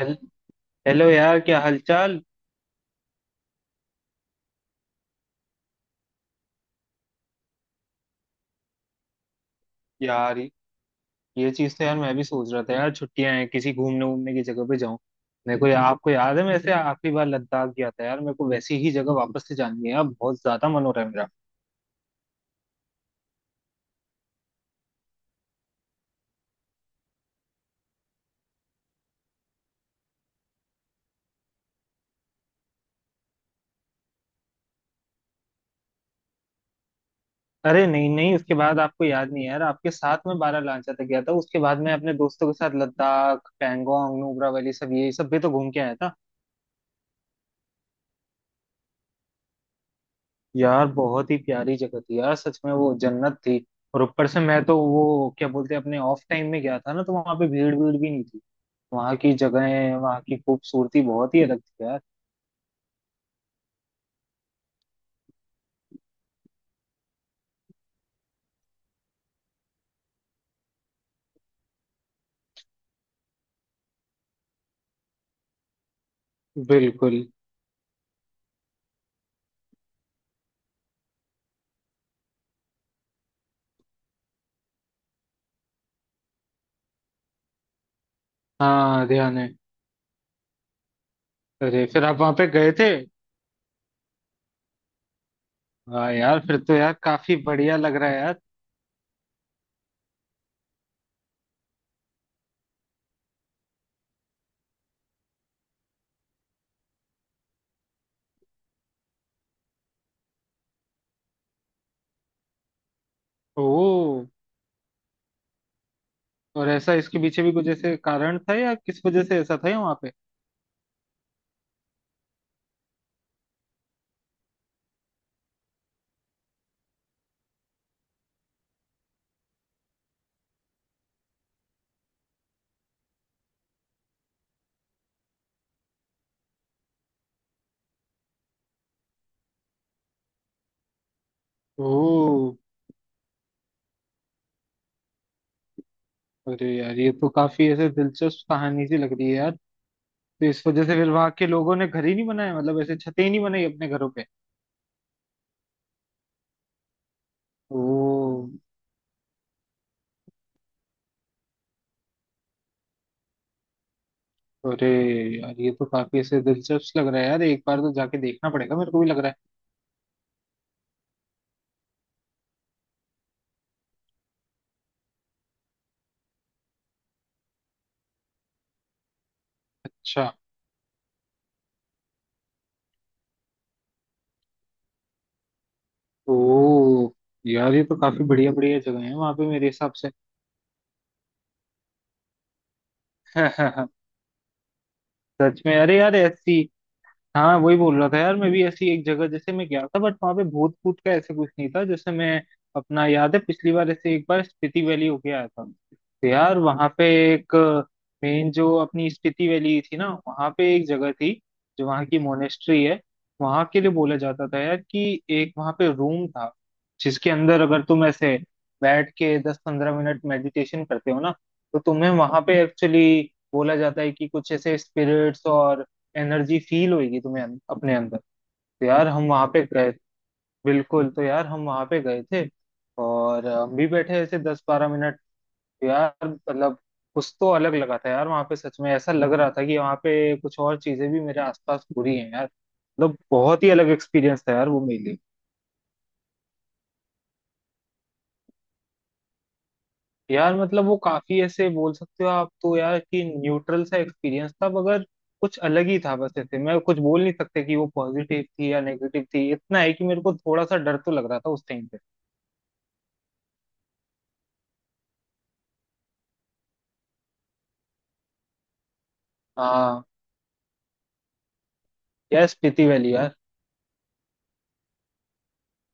Hello- hello यार, क्या हालचाल। यार ये चीज तो यार मैं भी सोच रहा था यार, छुट्टियां हैं, किसी घूमने घूमने की जगह पे जाऊं। मेरे को आपको याद है, मैं ऐसे आखिरी बार लद्दाख गया था यार, मेरे को वैसी ही जगह वापस से जानी है, अब बहुत ज्यादा मन हो रहा है मेरा। अरे नहीं नहीं, उसके बाद आपको याद नहीं है यार, आपके साथ में बारह लांचा तक गया था, उसके बाद मैं अपने दोस्तों के साथ लद्दाख, पैंगोंग, नुब्रा वैली, सब ये सब भी तो घूम के आया था। यार बहुत ही प्यारी जगह थी यार, सच में वो जन्नत थी। और ऊपर से मैं तो, वो क्या बोलते हैं, अपने ऑफ टाइम में गया था ना, तो वहां पे भीड़ भीड़ भी नहीं थी। वहाँ की जगहें, वहाँ की खूबसूरती बहुत ही अलग थी यार। बिल्कुल। हाँ ध्यान है। अरे, फिर आप वहां पे गए थे। हाँ यार, फिर तो यार काफी बढ़िया लग रहा है यार। ओ, और ऐसा इसके पीछे भी कुछ ऐसे कारण था, या किस वजह से ऐसा था या वहां पे। ओ। अरे यार, ये तो काफी ऐसे दिलचस्प कहानी सी लग रही है यार। तो इस वजह से फिर वहां के लोगों ने घर ही नहीं बनाया, मतलब ऐसे छतें ही नहीं बनाई अपने घरों पे। ओ। अरे यार, ये तो काफी ऐसे दिलचस्प लग रहा है यार, एक बार तो जाके देखना पड़ेगा, मेरे को भी लग रहा है। अच्छा। ओ, यार ये तो काफी बढ़िया बढ़िया जगह है वहां पे मेरे हिसाब से। सच में, अरे यार ऐसी। हाँ, वही बोल रहा था यार, मैं भी ऐसी एक जगह जैसे मैं गया था, बट वहां पे भूत भूत का ऐसा कुछ नहीं था। जैसे मैं, अपना याद है पिछली बार ऐसे एक बार स्पीति वैली होके आया था। तो यार वहां पे एक, मेन जो अपनी स्पीति वैली थी ना, वहां पे एक जगह थी, जो वहां की मोनेस्ट्री है। वहां के लिए बोला जाता था यार, कि एक वहां पे रूम था, जिसके अंदर अगर तुम ऐसे बैठ के 10-15 मिनट मेडिटेशन करते हो ना, तो तुम्हें वहां पे एक्चुअली बोला जाता है कि कुछ ऐसे स्पिरिट्स और एनर्जी फील होगी तुम्हें अपने अंदर। तो यार हम वहां पे गए, बिल्कुल, तो यार हम वहां पे गए थे। और हम भी बैठे ऐसे 10-12 मिनट। तो यार मतलब कुछ तो अलग लगा था यार वहां पे, सच में ऐसा लग रहा था कि वहां पे कुछ और चीजें भी मेरे आसपास हो रही हैं यार, मतलब बहुत ही अलग एक्सपीरियंस था यार वो मेरे लिए। यार मतलब वो काफी ऐसे बोल सकते हो आप तो यार, कि न्यूट्रल सा एक्सपीरियंस था, मगर कुछ अलग ही था, बस ऐसे मैं कुछ बोल नहीं सकते कि वो पॉजिटिव थी या नेगेटिव थी, इतना है कि मेरे को थोड़ा सा डर तो लग रहा था उस टाइम। हाँ। यार स्पीति वैली यार।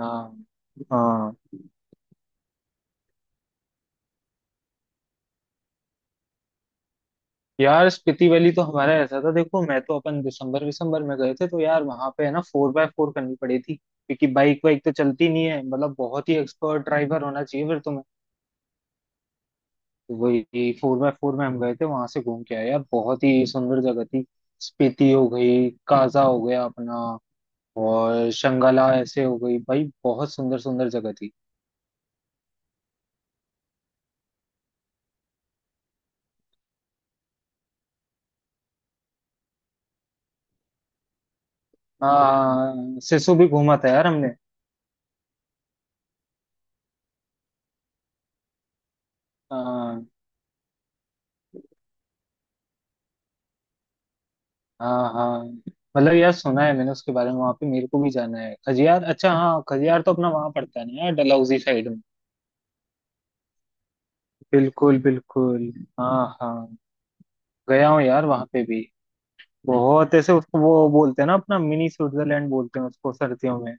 हाँ। हाँ। यार स्पीति वैली तो हमारा ऐसा था, देखो मैं तो, अपन दिसंबर दिसंबर में गए थे, तो यार वहां पे है ना फोर बाय फोर करनी पड़ी थी, क्योंकि बाइक वाइक तो चलती नहीं है, मतलब बहुत ही एक्सपर्ट ड्राइवर होना चाहिए फिर तुम्हें। तो वही फोर बाय फोर में हम गए थे, वहां से घूम के आए यार, बहुत ही सुंदर जगह थी। स्पीति हो गई, काजा हो गया अपना, और शंगला ऐसे हो गई, भाई बहुत सुंदर सुंदर जगह थी। हाँ सिसु भी घूमा था यार हमने। हाँ। हाँ हाँ, मतलब यार सुना है मैंने उसके बारे में, वहां पे मेरे को भी जाना है खजियार। अच्छा हाँ, खजियार तो अपना वहां पड़ता है ना यार, डलहौजी साइड में। बिल्कुल बिल्कुल। हाँ हाँ। गया हूँ यार वहां पे भी, बहुत ऐसे उसको वो बोलते हैं ना अपना, मिनी स्विट्जरलैंड बोलते हैं उसको सर्दियों में।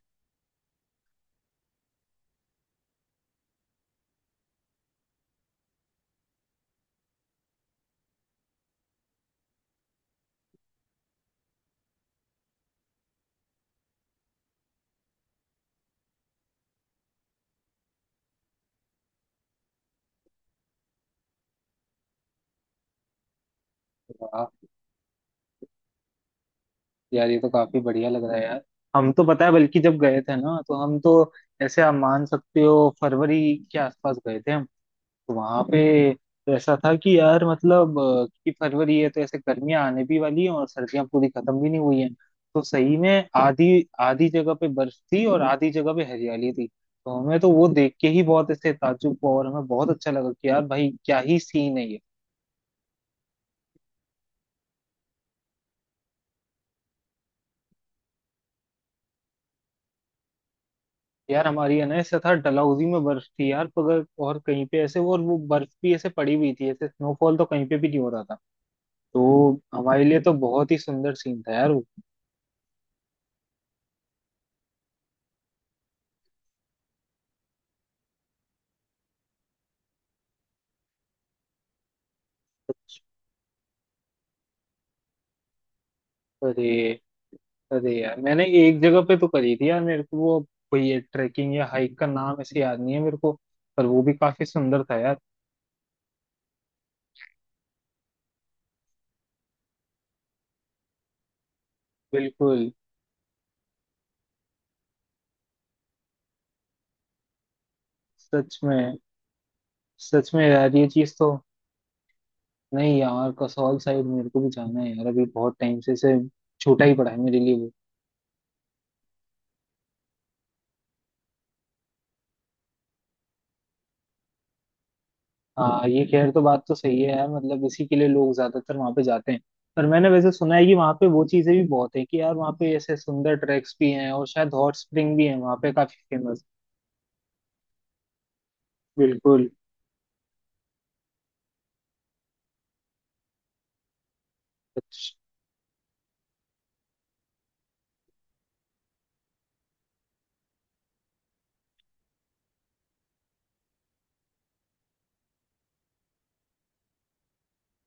वाह, यार ये तो काफी बढ़िया लग रहा है यार। हम तो पता है बल्कि जब गए थे ना, तो हम तो ऐसे, आप मान सकते हो फरवरी के आसपास गए थे हम। वहां पे तो ऐसा था कि यार मतलब कि फरवरी है, तो ऐसे गर्मियां आने भी वाली हैं और सर्दियां पूरी खत्म भी नहीं हुई हैं। तो सही में आधी आधी जगह पे बर्फ थी और आधी जगह पे हरियाली थी। तो हमें तो वो देख के ही बहुत ऐसे ताज्जुब हुआ, और हमें बहुत अच्छा लगा कि यार भाई क्या ही सीन है ये। यार हमारी है ना ऐसा था, डलहौजी में बर्फ थी यार, मगर और कहीं पे ऐसे वो बर्फ भी ऐसे पड़ी हुई थी, ऐसे स्नोफॉल तो कहीं पे भी नहीं हो रहा था। तो हमारे लिए तो बहुत ही सुंदर सीन था यार वो। अरे। अरे यार, मैंने एक जगह पे तो करी थी यार, मेरे को वो कोई ये ट्रैकिंग या हाइक का नाम ऐसे याद नहीं है मेरे को, पर वो भी काफी सुंदर था यार। बिल्कुल। सच में। सच में यार ये चीज तो, नहीं यार, कसौल साइड मेरे को भी जाना है यार, अभी बहुत टाइम से छूटा ही पड़ा है मेरे लिए वो। हाँ, ये खैर तो बात तो सही है यार, मतलब इसी के लिए लोग ज्यादातर वहाँ पे जाते हैं। पर मैंने वैसे सुना है कि वहाँ पे वो चीजें भी बहुत है, कि यार वहाँ पे ऐसे सुंदर ट्रैक्स भी हैं, और शायद हॉट स्प्रिंग भी है वहाँ पे काफी फेमस। बिल्कुल।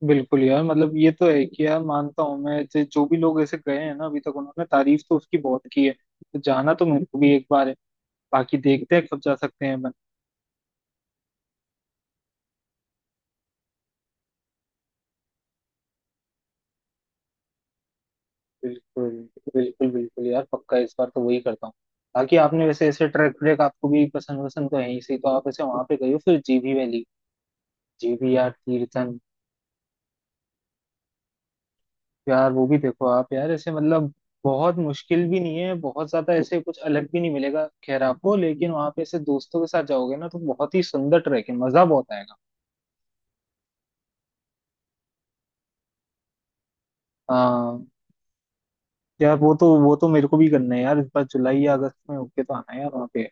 बिल्कुल यार, मतलब ये तो है कि यार मानता हूँ मैं, जो भी लोग ऐसे गए हैं ना अभी तक, उन्होंने तारीफ तो उसकी बहुत की है। तो जाना तो मेरे को भी एक बार है, बाकी देखते हैं कब जा सकते हैं अपन। बिल्कुल। बिल्कुल यार पक्का, इस बार तो वही करता हूँ। बाकी आपने वैसे ऐसे ट्रैक ट्रैक आपको भी पसंद पसंद तो है ही, सही तो आप ऐसे वहां पे गए हो फिर जीभी वैली। जीभी यार, तीर्थन। यार वो भी देखो आप यार, ऐसे मतलब बहुत मुश्किल भी नहीं है, बहुत ज्यादा ऐसे कुछ अलग भी नहीं मिलेगा खैर आपको, लेकिन वहां पे ऐसे दोस्तों के साथ जाओगे ना, तो बहुत ही सुंदर ट्रैक है, मजा बहुत आएगा। हाँ यार, वो तो मेरे को भी करना है यार, इस बार जुलाई या अगस्त में होके तो आना है यार वहाँ पे।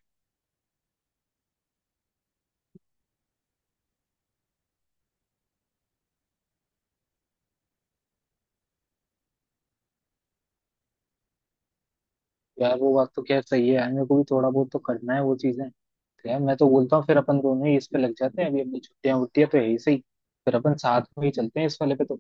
यार वो बात तो खैर सही है यार, मेरे को भी थोड़ा बहुत तो करना है वो चीजें। तो यार मैं तो बोलता हूँ फिर, अपन दोनों ही इस पे लग जाते हैं, अभी अपनी छुट्टियां वुट्टियां तो है ही सही। फिर अपन साथ में ही चलते हैं इस वाले पे तो।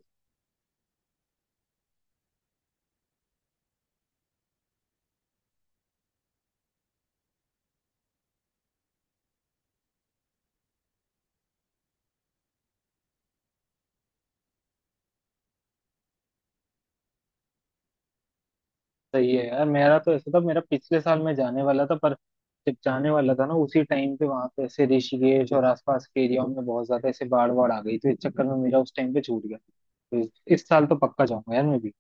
सही है यार, मेरा तो ऐसा था, मेरा पिछले साल में जाने वाला था, पर जब जाने वाला था ना, उसी टाइम पे वहां पे ऐसे ऋषिकेश और आसपास के एरियाओं में बहुत ज्यादा ऐसे बाढ़ वाड़ आ गई, तो इस चक्कर में मेरा उस टाइम पे छूट गया, तो इस साल तो पक्का जाऊंगा यार मैं भी।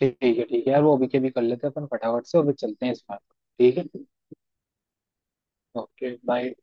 ठीक है। ठीक है यार, वो अभी के भी कर लेते हैं अपन फटाफट से, और फिर चलते हैं इस बार। ठीक है। Okay, bye.